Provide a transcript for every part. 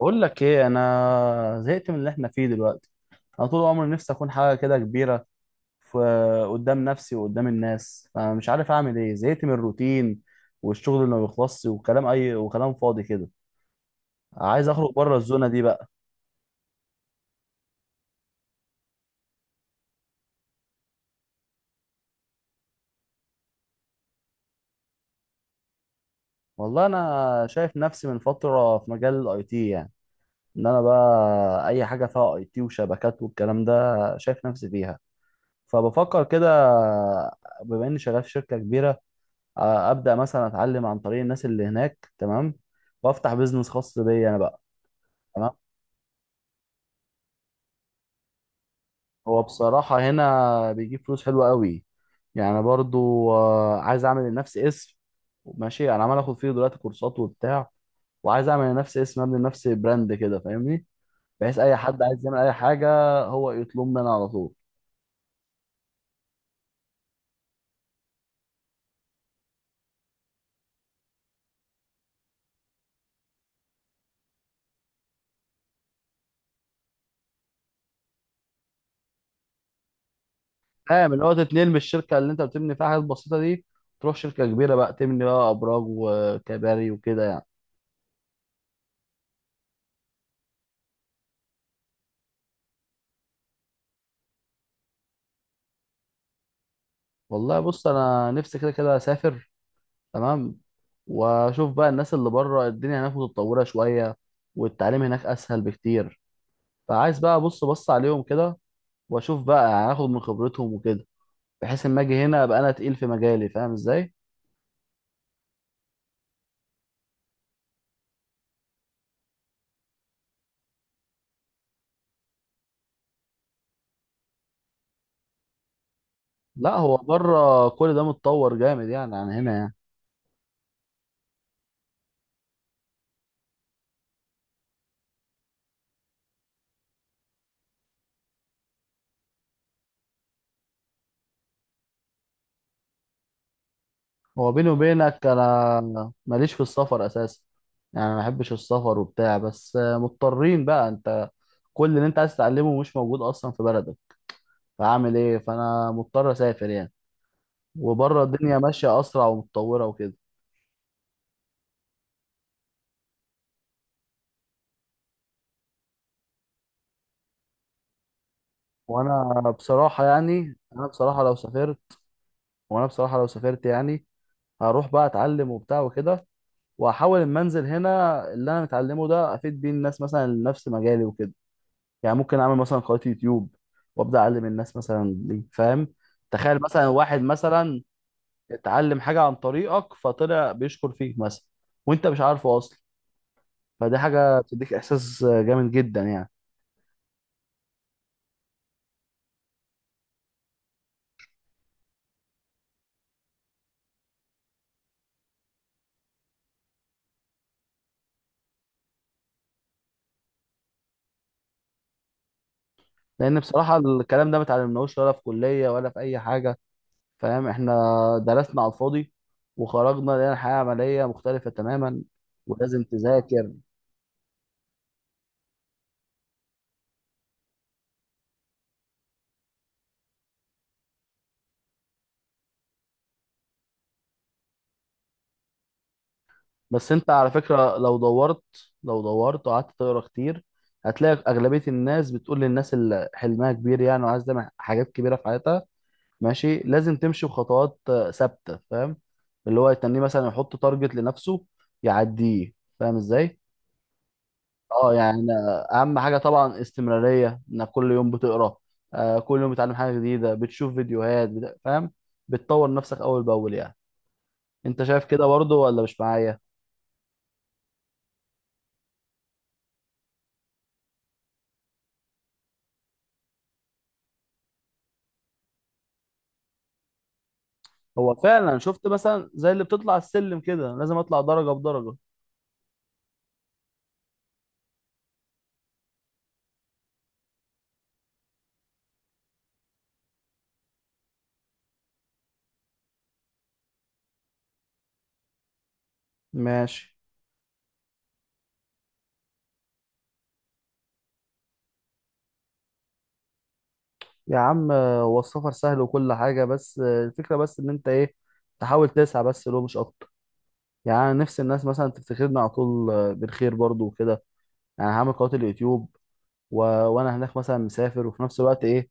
بقول لك ايه، انا زهقت من اللي احنا فيه دلوقتي. انا طول عمري نفسي اكون حاجه كده كبيره في قدام نفسي وقدام الناس، فمش عارف اعمل ايه. زهقت من الروتين والشغل اللي ما بيخلصش وكلام اي وكلام فاضي كده. عايز اخرج بره الزونه دي بقى. والله انا شايف نفسي من فتره في مجال الاي تي يعني، ان انا بقى اي حاجه فيها اي تي وشبكات والكلام ده شايف نفسي فيها. فبفكر كده، بما اني شغال في شركه كبيره، ابدا مثلا اتعلم عن طريق الناس اللي هناك، تمام، وافتح بيزنس خاص بيا انا بقى. تمام. هو بصراحه هنا بيجيب فلوس حلوه قوي يعني. برضو عايز اعمل لنفسي اسم. ماشي، انا عمال اخد فيه دلوقتي كورسات وبتاع، وعايز اعمل لنفسي اسم، ابني لنفسي براند كده، فاهمني؟ بحيث اي حد عايز يعمل اي حاجه، هو يطلب مني على طول. فاهم؟ اللي هو تتنقل من الشركه اللي انت بتبني فيها حاجات بسيطه دي، تروح شركه كبيره بقى تبني بقى ابراج وكباري وكده يعني. والله بص، انا نفسي كده كده اسافر. تمام. واشوف بقى الناس اللي بره، الدنيا هناك متطوره شويه، والتعليم هناك اسهل بكتير. فعايز بقى ابص بص عليهم كده، واشوف بقى هاخد من خبرتهم وكده، بحيث اما اجي هنا ابقى انا تقيل في مجالي. فاهم ازاي؟ لا، هو بره كل ده متطور جامد يعني، عن هنا يعني. هو بيني وبينك انا ماليش في السفر اساسا، يعني ما بحبش السفر وبتاع. بس مضطرين بقى، انت كل اللي انت عايز تتعلمه مش موجود اصلا في بلدك، فاعمل ايه؟ فانا مضطر اسافر يعني. وبره الدنيا ماشية أسرع ومتطورة وكده. وأنا بصراحة يعني، أنا بصراحة لو سافرت، وأنا بصراحة لو سافرت يعني هروح بقى أتعلم وبتاع وكده، وهحاول إما أنزل هنا اللي أنا متعلمه ده أفيد بيه الناس مثلا اللي نفس مجالي وكده. يعني ممكن أعمل مثلا قناة يوتيوب، وأبدأ أعلم الناس مثلا دي. فاهم؟ تخيل مثلا واحد مثلا اتعلم حاجة عن طريقك، فطلع بيشكر فيك مثلا وأنت مش عارفه أصلا. فدي حاجة بتديك إحساس جامد جدا يعني. لان بصراحه الكلام ده ما اتعلمناهوش، ولا في كليه ولا في اي حاجه. فاهم؟ احنا درسنا على الفاضي، وخرجنا لقينا الحياه عمليه مختلفه تماما، ولازم تذاكر. بس انت على فكره لو دورت وقعدت تقرا كتير، هتلاقي اغلبيه الناس بتقول للناس اللي حلمها كبير يعني وعايز تعمل حاجات كبيره في حياتها، ماشي، لازم تمشي بخطوات ثابته. فاهم؟ اللي هو يتنيه مثلا يحط تارجت لنفسه يعديه. فاهم ازاي؟ اه يعني اهم حاجه طبعا استمراريه، انك كل يوم بتقرا، كل يوم بتتعلم حاجه جديده، بتشوف فيديوهات. فاهم؟ بتطور نفسك اول باول يعني. انت شايف كده برضه ولا مش معايا؟ هو فعلا، شفت مثلا زي اللي بتطلع السلم كده لازم اطلع درجه بدرجه. ماشي. يا عم هو السفر سهل وكل حاجه، بس الفكره بس ان انت ايه، تحاول تسعى، بس لو مش اكتر. يعني أنا نفسي الناس مثلا تفتكرنا على طول بالخير برضه وكده. يعني هعمل قناه اليوتيوب، وانا هناك مثلا مسافر، وفي نفس الوقت ايه،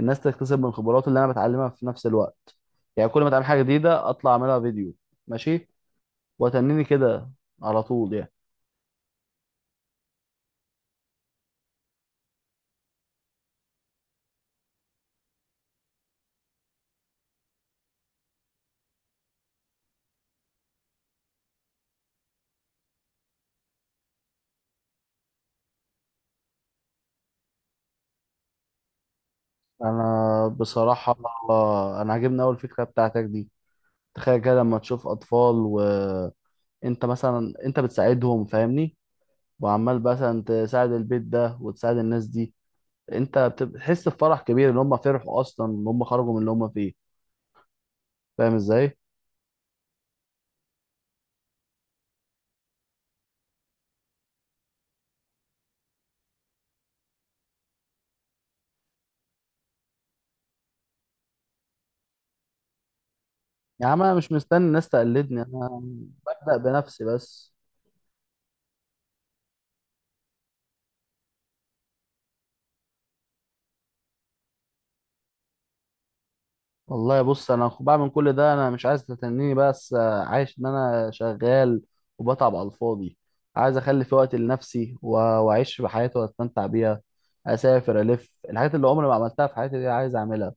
الناس تكتسب من خبرات اللي انا بتعلمها في نفس الوقت. يعني كل ما اتعلم حاجه جديده اطلع اعملها فيديو. ماشي، وتنيني كده على طول يعني. انا بصراحه، انا عاجبني اول فكره بتاعتك دي. تخيل كده لما تشوف اطفال وانت مثلا انت بتساعدهم، فاهمني؟ وعمال مثلا تساعد البيت ده وتساعد الناس دي، انت بتحس بفرح كبير ان هم فرحوا اصلا، ان هم خرجوا من اللي هم فيه. فاهم ازاي؟ يا عم انا مش مستني الناس تقلدني، انا ببدأ بنفسي بس. والله بص، انا بعمل كل ده انا مش عايز تتنيني. بس عايش ان انا شغال وبتعب على الفاضي. عايز اخلي في وقت لنفسي و- واعيش في حياتي واتمتع بيها، اسافر، الف الحاجات اللي عمري ما عملتها في حياتي دي عايز اعملها.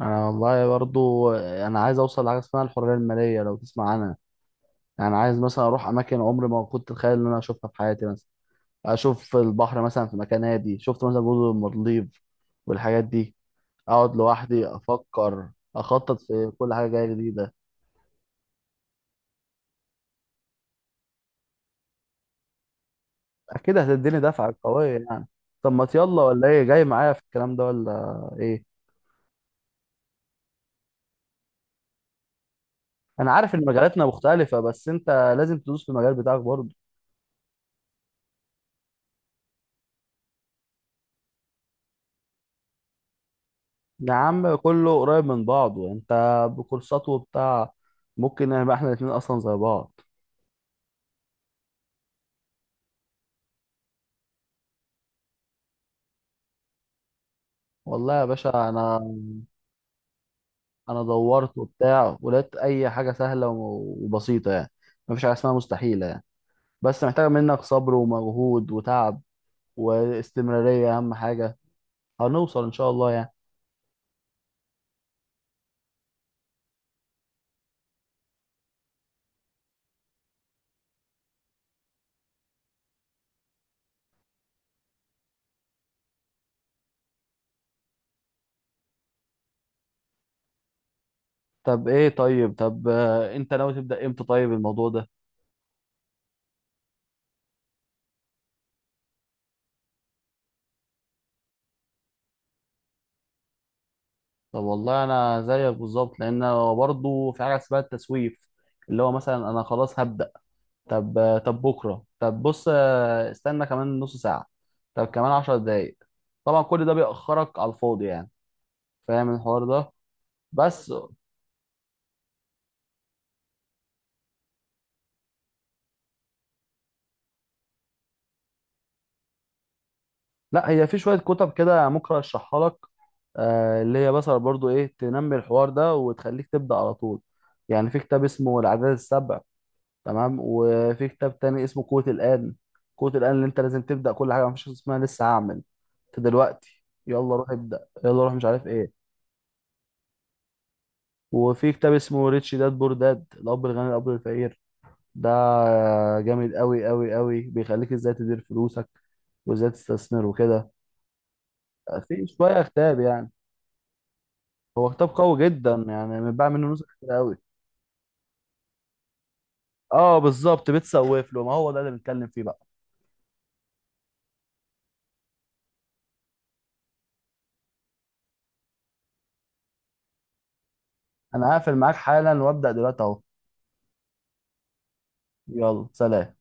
انا والله برضو انا عايز اوصل لحاجه اسمها الحريه الماليه، لو تسمع عنها. يعني عايز مثلا اروح اماكن عمري ما كنت اتخيل ان انا اشوفها في حياتي مثلا، اشوف البحر مثلا في مكان هادي، شفت مثلا جزر المالديف والحاجات دي. اقعد لوحدي افكر، اخطط في كل حاجه جايه جديده. اكيد هتديني دفعه قويه يعني. طب ما يلا، ولا ايه، جاي معايا في الكلام ده ولا ايه؟ انا عارف ان مجالاتنا مختلفه، بس انت لازم تدوس في المجال بتاعك برضه. يا عم كله قريب من بعضه، انت بكورسات وبتاع، ممكن نبقى احنا الاتنين اصلا زي بعض. والله يا باشا، انا، انا دورت وبتاع ولقيت اي حاجه سهله و- وبسيطه يعني. مفيش حاجه اسمها مستحيله يعني، بس محتاجه منك صبر ومجهود وتعب، واستمراريه اهم حاجه. هنوصل ان شاء الله يعني. طب ايه، طيب، طب آه، انت ناوي تبدا امتى طيب الموضوع ده؟ طب والله انا زيك بالظبط، لان أنا برضه في حاجه اسمها التسويف، اللي هو مثلا انا خلاص هبدا. طب طب بكره، طب بص استنى كمان نص ساعه، طب كمان 10 دقايق. طبعا كل ده بيأخرك على الفاضي يعني. فاهم الحوار ده؟ بس لا، هي في شوية كتب كده ممكن ارشحها لك، اللي هي مثلا برضو ايه تنمي الحوار ده وتخليك تبدأ على طول يعني. في كتاب اسمه العادات السبع، تمام، وفي كتاب تاني اسمه قوة الآن. قوة الآن اللي انت لازم تبدأ كل حاجة، مفيش حاجة اسمها لسه هعمل، انت دلوقتي يلا روح ابدأ، يلا روح مش عارف ايه. وفي كتاب اسمه ريتش داد بور داد، الأب الغني الأب الفقير ده، جامد قوي قوي قوي، بيخليك ازاي تدير فلوسك وازاي تستثمر وكده. في شوية كتاب يعني، هو كتاب قوي جدا يعني، متباع منه نسخ كتير قوي. اه بالظبط، بتسوف له، ما هو ده اللي بنتكلم فيه بقى. انا هقفل معاك حالا وابدا دلوقتي اهو. يلا سلام.